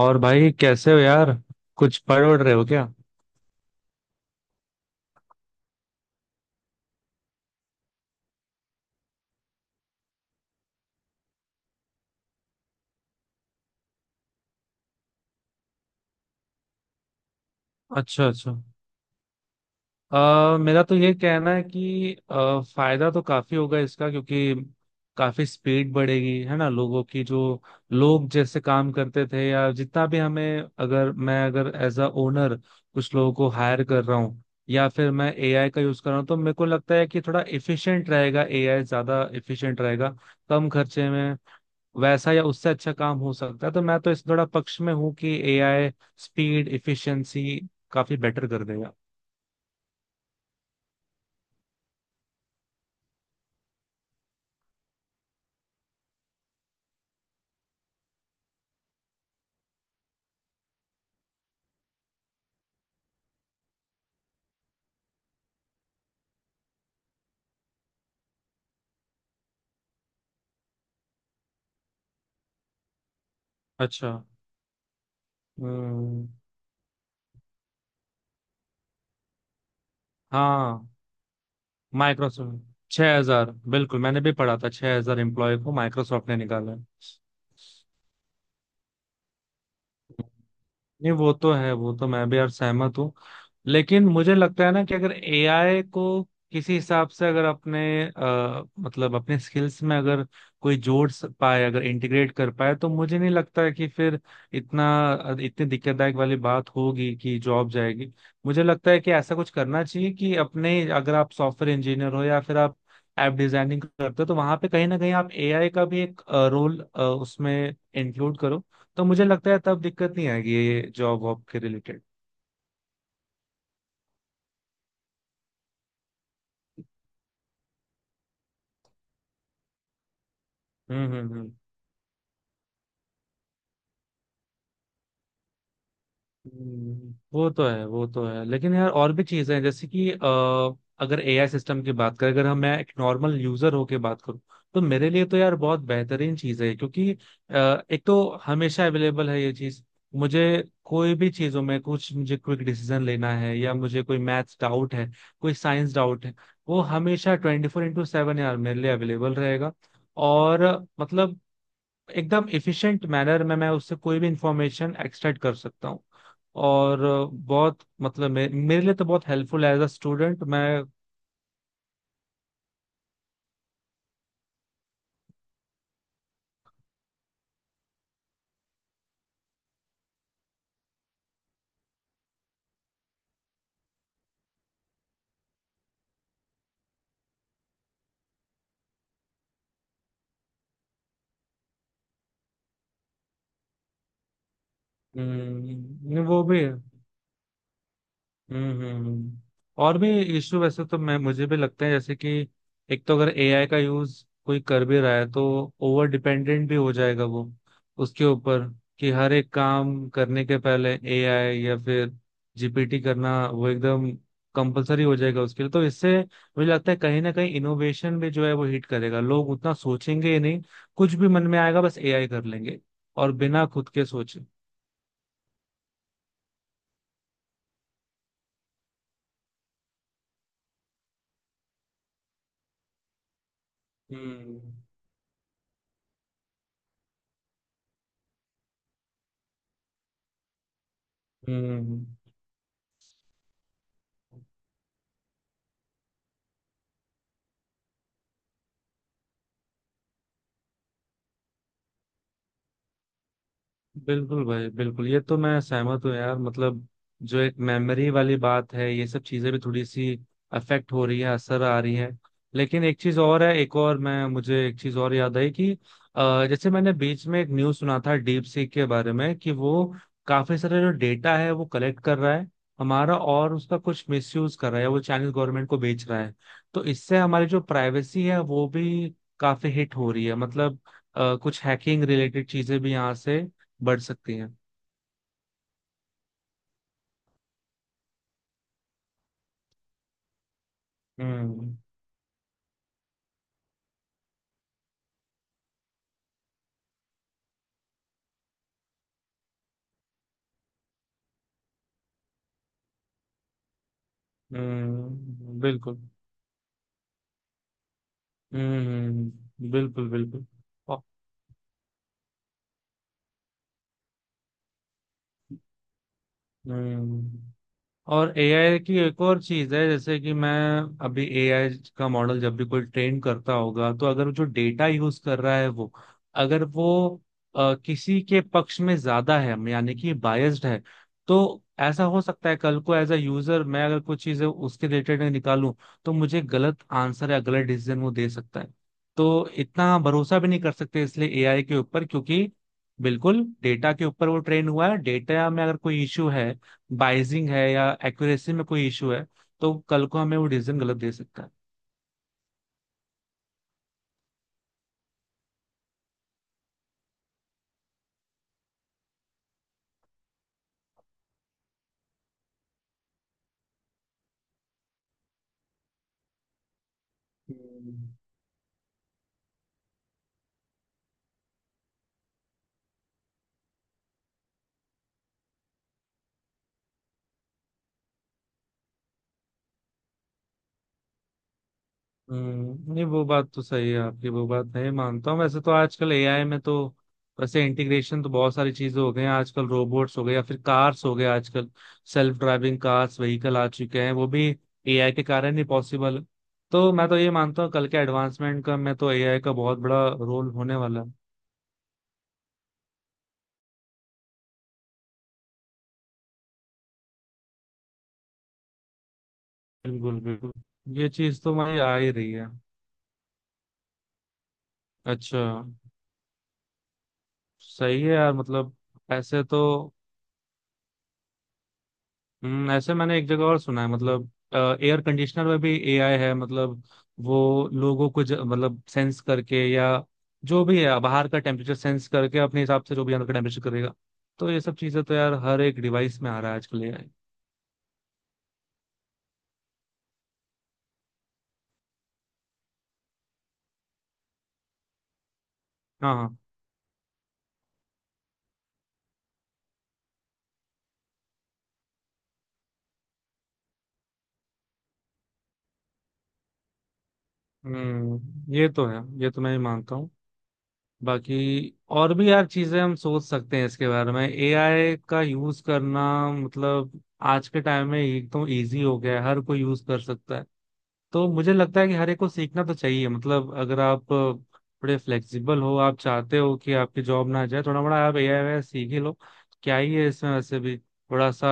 और भाई कैसे हो यार। कुछ पढ़ उड़ रहे हो क्या? अच्छा अच्छा। मेरा तो ये कहना है कि फायदा तो काफी होगा इसका, क्योंकि काफी स्पीड बढ़ेगी है ना लोगों की। जो लोग जैसे काम करते थे, या जितना भी हमें, अगर मैं अगर एज अ ओनर कुछ लोगों को हायर कर रहा हूँ या फिर मैं एआई का यूज कर रहा हूँ, तो मेरे को लगता है कि थोड़ा इफिशिएंट रहेगा, एआई ज्यादा इफिशिएंट रहेगा। कम खर्चे में वैसा या उससे अच्छा काम हो सकता है, तो मैं तो इस थोड़ा पक्ष में हूँ कि एआई स्पीड इफिशिएंसी काफी बेटर कर देगा। अच्छा। हम्म। हाँ, माइक्रोसॉफ्ट 6,000। बिल्कुल, मैंने भी पढ़ा था, 6,000 एम्प्लॉय को माइक्रोसॉफ्ट ने निकाला है। नहीं, वो तो है, वो तो मैं भी यार सहमत हूँ, लेकिन मुझे लगता है ना कि अगर एआई को किसी हिसाब से अगर अपने मतलब अपने स्किल्स में अगर कोई जोड़ पाए, अगर इंटीग्रेट कर पाए, तो मुझे नहीं लगता है कि फिर इतना, इतनी दिक्कतदायक वाली बात होगी कि जॉब जाएगी। मुझे लगता है कि ऐसा कुछ करना चाहिए कि अपने अगर आप सॉफ्टवेयर इंजीनियर हो या फिर आप ऐप डिजाइनिंग करते हो, तो वहां पे कहीं ना कहीं आप एआई का भी एक रोल उसमें इंक्लूड करो। तो मुझे लगता है तब दिक्कत नहीं आएगी ये जॉब वॉब के रिलेटेड। हम्म। वो तो है, वो तो है, लेकिन यार और भी चीजें हैं, जैसे कि अगर एआई सिस्टम की बात करें, अगर हम मैं एक नॉर्मल यूजर होके बात करूं, तो मेरे लिए तो यार बहुत बेहतरीन चीज है, क्योंकि एक तो हमेशा अवेलेबल है ये चीज। मुझे कोई भी चीजों में कुछ, मुझे क्विक डिसीजन लेना है या मुझे कोई मैथ्स डाउट है, कोई साइंस डाउट है, वो हमेशा 24/7 यार मेरे लिए अवेलेबल रहेगा। और मतलब एकदम एफिशिएंट मैनर में मैं उससे कोई भी इंफॉर्मेशन एक्सट्रैक्ट कर सकता हूँ। और बहुत मतलब मेरे लिए तो बहुत हेल्पफुल है एज अ स्टूडेंट मैं। वो भी है। हम्म हम्म, हम्म। और भी इशू वैसे तो मैं मुझे भी लगता है, जैसे कि एक तो अगर एआई का यूज कोई कर भी रहा है, तो ओवर डिपेंडेंट भी हो जाएगा वो उसके ऊपर। कि हर एक काम करने के पहले एआई या फिर जीपीटी करना, वो एकदम कंपलसरी हो जाएगा उसके लिए, तो इससे मुझे लगता है कहीं ना कहीं इनोवेशन भी जो है वो हिट करेगा। लोग उतना सोचेंगे ही नहीं, कुछ भी मन में आएगा बस एआई कर लेंगे, और बिना खुद के सोचे। हम्म हम्म। बिल्कुल भाई बिल्कुल, ये तो मैं सहमत हूँ यार। मतलब जो एक मेमोरी वाली बात है, ये सब चीजें भी थोड़ी सी अफेक्ट हो रही है, असर आ रही है। लेकिन एक चीज और है, एक और मैं मुझे एक चीज और याद आई कि जैसे मैंने बीच में एक न्यूज सुना था डीप सीक के बारे में कि वो काफी सारे जो डेटा है वो कलेक्ट कर रहा है हमारा, और उसका कुछ मिसयूज कर रहा है, वो चाइनीज गवर्नमेंट को बेच रहा है। तो इससे हमारी जो प्राइवेसी है वो भी काफी हिट हो रही है। मतलब कुछ हैकिंग रिलेटेड चीजें भी यहाँ से बढ़ सकती हैं। हम्म बिल्कुल। बिल्कुल बिल्कुल। और हम्म, और एआई की एक और चीज है, जैसे कि मैं, अभी एआई का मॉडल जब भी कोई ट्रेन करता होगा, तो अगर जो डेटा यूज कर रहा है वो, अगर वो किसी के पक्ष में ज्यादा है, यानी कि बायस्ड है, तो ऐसा हो सकता है कल को एज अ यूजर मैं अगर कुछ चीजें उसके रिलेटेड निकालूं, तो मुझे गलत आंसर या गलत डिसीजन वो दे सकता है। तो इतना भरोसा भी नहीं कर सकते इसलिए एआई के ऊपर, क्योंकि बिल्कुल डेटा के ऊपर वो ट्रेन हुआ है, डेटा में अगर कोई इश्यू है, बाइजिंग है या एक्यूरेसी में कोई इशू है, तो कल को हमें वो डिसीजन गलत दे सकता है। हम्म, हम्म। नहीं, वो बात तो सही है आपकी, वो बात नहीं मानता हूँ, वैसे तो आजकल एआई में तो वैसे इंटीग्रेशन तो बहुत सारी चीजें हो गई हैं। आजकल रोबोट्स हो गए या फिर कार्स हो गए, आजकल सेल्फ ड्राइविंग कार्स व्हीकल आ चुके हैं, वो भी एआई के कारण ही पॉसिबल है। तो मैं तो ये मानता हूँ कल के एडवांसमेंट का, मैं तो एआई का बहुत बड़ा रोल होने वाला है। बिल्कुल बिल्कुल, ये चीज तो हमारी आ ही रही है। अच्छा। सही है यार, मतलब ऐसे तो। ऐसे मैंने एक जगह और सुना है, मतलब एयर कंडीशनर में भी एआई है। मतलब वो लोगों को मतलब सेंस करके, या जो भी है बाहर का टेम्परेचर सेंस करके अपने हिसाब से जो भी अंदर का टेम्परेचर करेगा। तो ये सब चीजें तो यार हर एक डिवाइस में आ रहा है आजकल एआई। हाँ हाँ। हम्म, ये तो है, ये तो मैं भी मानता हूँ। बाकी और भी यार चीजें हम सोच सकते हैं इसके बारे में, एआई का यूज करना। मतलब आज के टाइम में एक तो इजी हो गया है, हर कोई यूज कर सकता है। तो मुझे लगता है कि हर एक को सीखना तो चाहिए, मतलब अगर आप थोड़े फ्लेक्सिबल हो, आप चाहते हो कि आपकी जॉब ना जाए, थोड़ा बड़ा आप एआई वगैरह सीख ही लो। क्या ही है इसमें, वैसे भी थोड़ा सा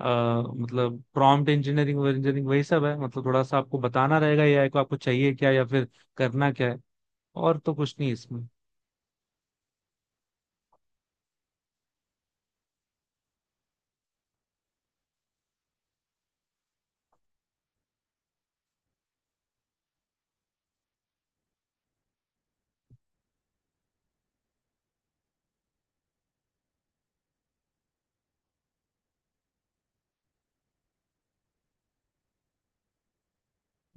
मतलब प्रॉम्प्ट इंजीनियरिंग इंजीनियरिंग वही सब है। मतलब थोड़ा सा आपको बताना रहेगा एआई को, आपको चाहिए क्या या फिर करना क्या है। और तो कुछ नहीं इसमें।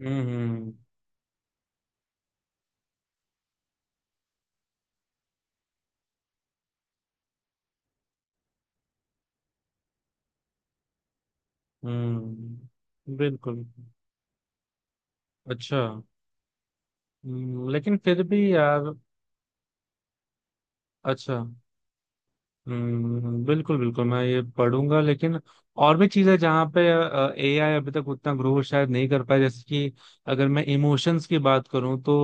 हम्म। बिल्कुल। अच्छा। लेकिन फिर भी यार। अच्छा। बिल्कुल बिल्कुल, मैं ये पढ़ूंगा, लेकिन और भी चीजें जहाँ पे एआई अभी तक उतना ग्रो शायद नहीं कर पाया, जैसे कि अगर मैं इमोशंस की बात करूं, तो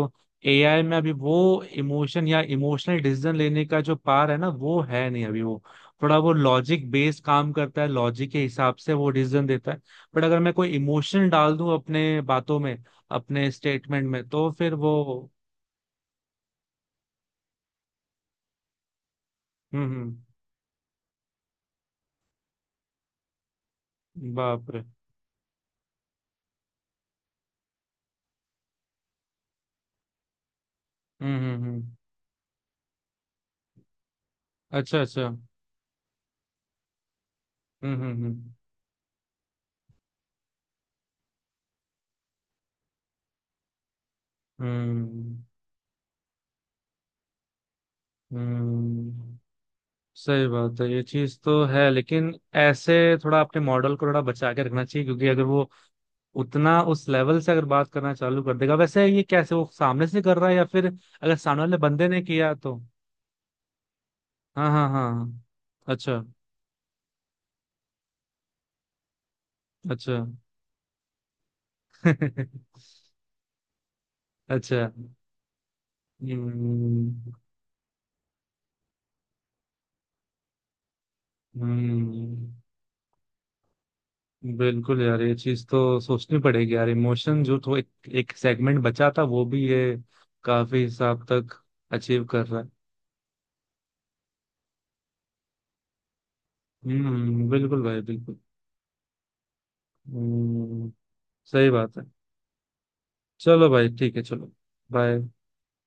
एआई में अभी वो इमोशन या इमोशनल डिसीजन लेने का जो पार है ना, वो है नहीं अभी। वो थोड़ा वो लॉजिक बेस्ड काम करता है, लॉजिक के हिसाब से वो डिसीजन देता है। बट अगर मैं कोई इमोशन डाल दूं अपने बातों में, अपने स्टेटमेंट में, तो फिर वो। हम्म हम्म, बाप रे। हम्म। अच्छा अच्छा। हम्म हम्म हम्म हम्म। सही बात है, ये चीज तो है, लेकिन ऐसे थोड़ा अपने मॉडल को थोड़ा बचा के रखना चाहिए, क्योंकि अगर वो उतना उस लेवल से अगर बात करना चालू कर देगा, वैसे ये कैसे वो सामने से कर रहा है, या फिर अगर सामने वाले बंदे ने किया तो। हाँ हाँ हाँ हाँ, अच्छा। अच्छा। अच्छा। हम्म हम्म। बिल्कुल यार, ये चीज तो सोचनी पड़ेगी यार। इमोशन जो, तो एक, एक सेगमेंट बचा था वो भी ये काफी हिसाब तक अचीव कर रहा है। बिल्कुल भाई बिल्कुल। हम्म, सही बात है। चलो भाई ठीक है, चलो। बाय।